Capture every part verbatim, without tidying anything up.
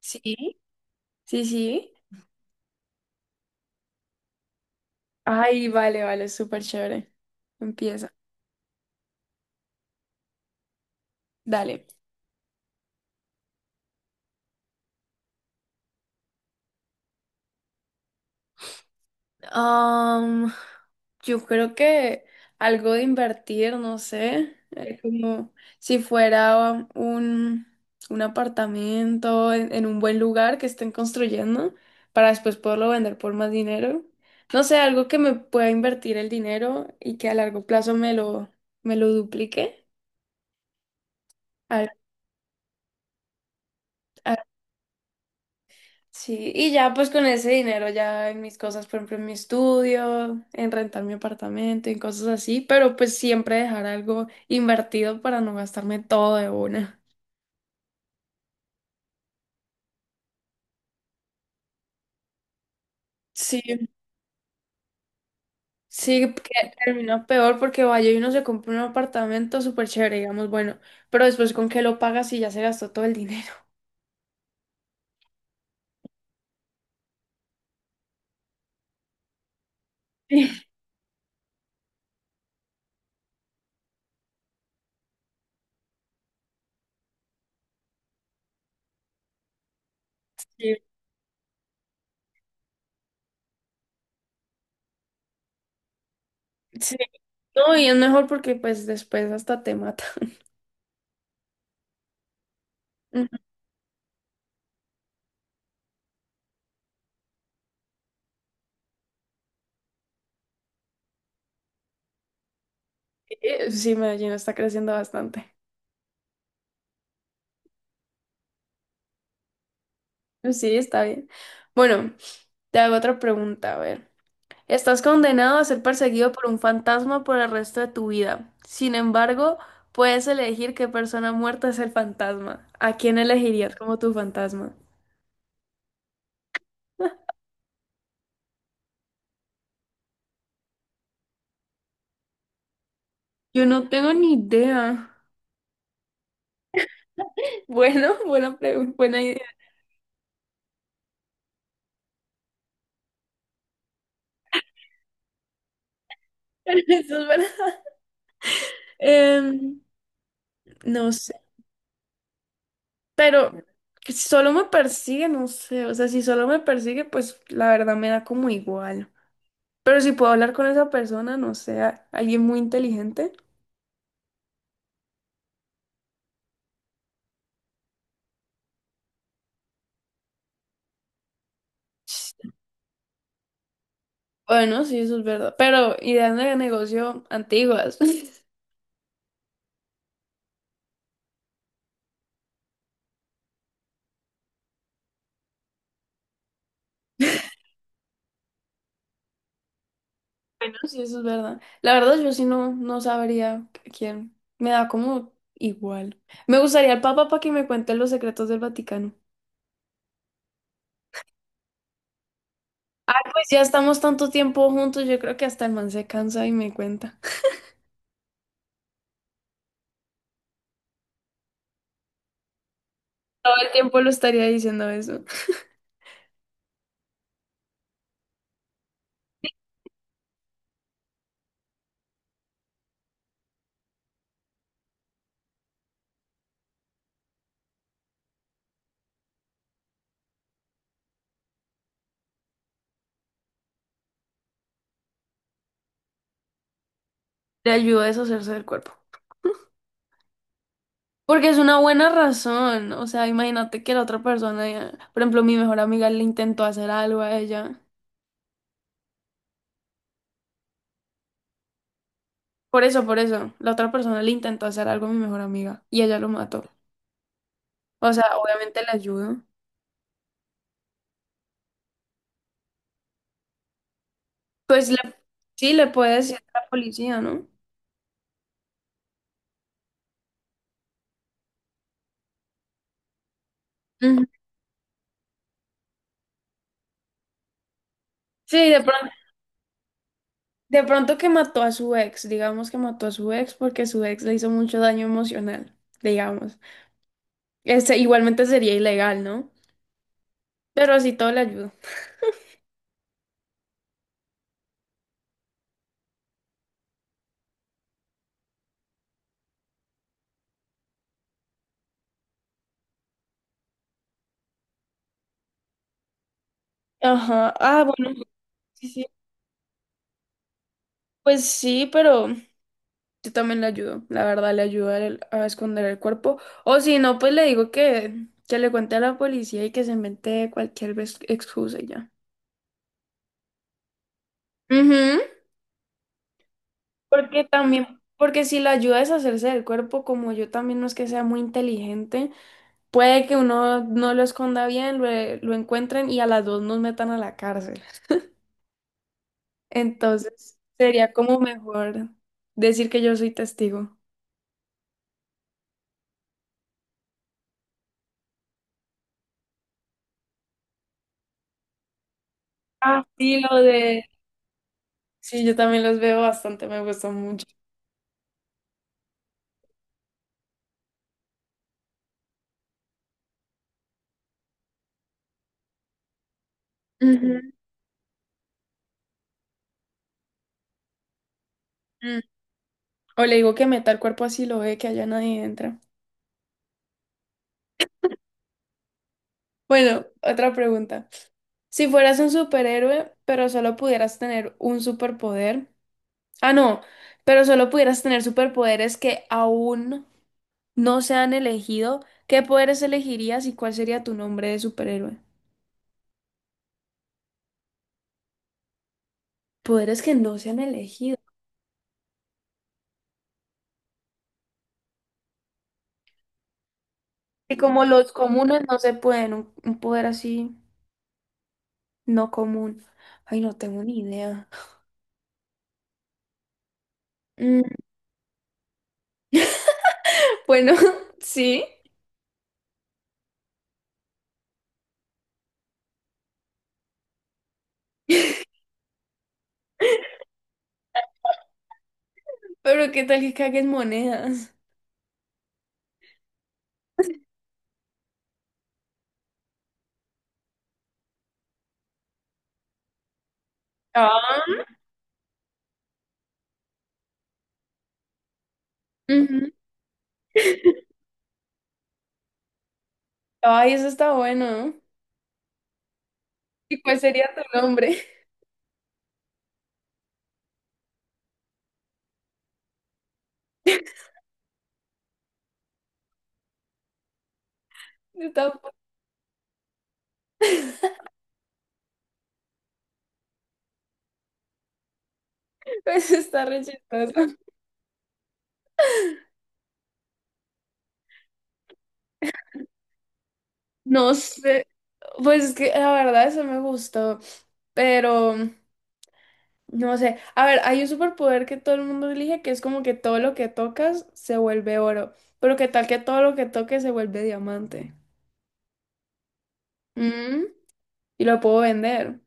Sí, sí, sí. Ay, vale, vale, súper chévere. Empieza. Dale. Am, yo creo que algo de invertir, no sé, eh, como si fuera un, un apartamento en, en un buen lugar que estén construyendo para después poderlo vender por más dinero. No sé, algo que me pueda invertir el dinero y que a largo plazo me lo, me lo duplique. Sí, y ya pues con ese dinero ya en mis cosas, por ejemplo, en mi estudio, en rentar mi apartamento, en cosas así, pero pues siempre dejar algo invertido para no gastarme todo de una. Sí, sí, que termina peor porque vaya y uno se compra un apartamento súper chévere, digamos, bueno, pero después con qué lo pagas y ya se gastó todo el dinero. Sí, sí. No, y es mejor porque pues después hasta te mata. Ujú. Sí, Medellín está creciendo bastante. Sí, está bien. Bueno, te hago otra pregunta, a ver. Estás condenado a ser perseguido por un fantasma por el resto de tu vida. Sin embargo, puedes elegir qué persona muerta es el fantasma. ¿A quién elegirías como tu fantasma? Yo no tengo ni idea. Bueno, buena pregunta, buena idea. Eso es verdad. Em, no sé, pero si solo me persigue, no sé. O sea, si solo me persigue, pues la verdad me da como igual. Pero si puedo hablar con esa persona, no sé, a- alguien muy inteligente. Bueno, sí, eso es verdad. Pero ideas de negocio antiguas. Bueno, sí, eso es verdad. La verdad, yo sí no, no sabría qu- quién. Me da como igual. Me gustaría el Papa para que me cuente los secretos del Vaticano. Pues ya estamos tanto tiempo juntos, yo creo que hasta el man se cansa y me cuenta. Todo el tiempo lo estaría diciendo eso. Le ayuda a deshacerse del cuerpo. Porque es una buena razón. O sea, imagínate que la otra persona, ya- por ejemplo, mi mejor amiga le intentó hacer algo a ella. Por eso, por eso, la otra persona le intentó hacer algo a mi mejor amiga y ella lo mató. O sea, obviamente le ayudo. Pues le- sí, le puede decir a la policía, ¿no? Ujú. Sí, de pronto, de pronto que mató a su ex, digamos que mató a su ex porque su ex le hizo mucho daño emocional, digamos. Este, igualmente sería ilegal, ¿no? Pero así todo le ayuda. Ajá. Ah, bueno, sí, sí. Pues sí, pero yo también le ayudo, la verdad, le ayudo a, él a esconder el cuerpo. O si no, pues le digo que, que le cuente a la policía y que se invente cualquier ves- excusa y ya. Ujú. Porque también, porque si la ayuda a deshacerse del cuerpo, como yo también no es que sea muy inteligente, puede que uno no lo esconda bien, lo, lo encuentren y a las dos nos metan a la cárcel. Entonces, sería como mejor decir que yo soy testigo. Ah, sí, lo de... Sí, yo también los veo bastante, me gustan mucho. Ujú. Mm. O le digo que meta el cuerpo así lo ve, que allá nadie entra. Bueno, otra pregunta. Si fueras un superhéroe, pero solo pudieras tener un superpoder. Ah, no, pero solo pudieras tener superpoderes que aún no se han elegido. ¿Qué poderes elegirías y cuál sería tu nombre de superhéroe? Poderes que no se han elegido. Y como los comunes no se pueden, un, un poder así no común. Ay, no tengo ni idea. Mm, bueno, sí. Pero qué tal que caguen monedas. Ah, ujú. Ay, eso está bueno. ¿Y cuál sería tu nombre? Yo tampoco. Eso está re chistoso. No sé, pues es que la verdad eso me gustó, pero no sé. A ver, hay un superpoder que todo el mundo elige que es como que todo lo que tocas se vuelve oro, pero qué tal que todo lo que toques se vuelve diamante. Mm, y lo puedo vender.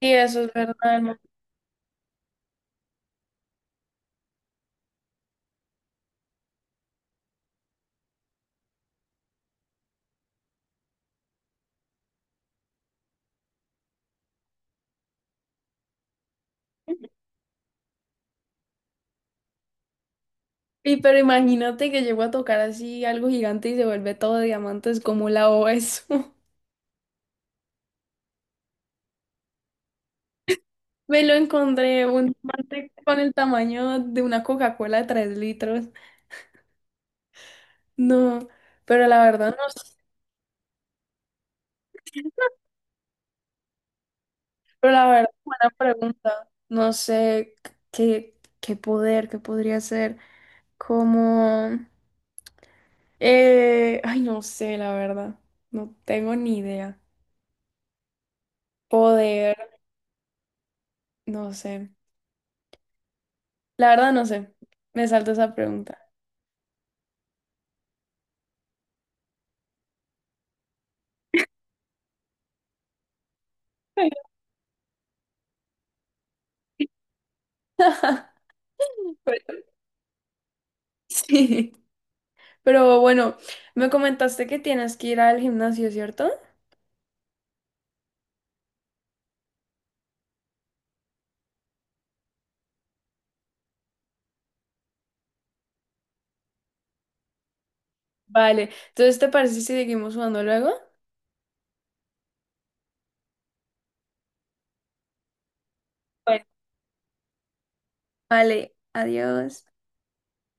Y eso es verdad. Y pero imagínate que llego a tocar así algo gigante y se vuelve todo diamantes, como la hago eso? Me lo encontré un diamante con el tamaño de una Coca-Cola de tres litros. No, pero la verdad no sé, pero la verdad, buena pregunta. No sé qué, qué poder, qué podría ser. Como, eh, ay, no sé, la verdad. No tengo ni idea. Poder, no sé. La verdad no sé. Me salto esa pregunta. Sí, pero bueno, me comentaste que tienes que ir al gimnasio, ¿cierto? Vale, entonces, ¿te parece si seguimos jugando luego? Bueno. Vale, adiós.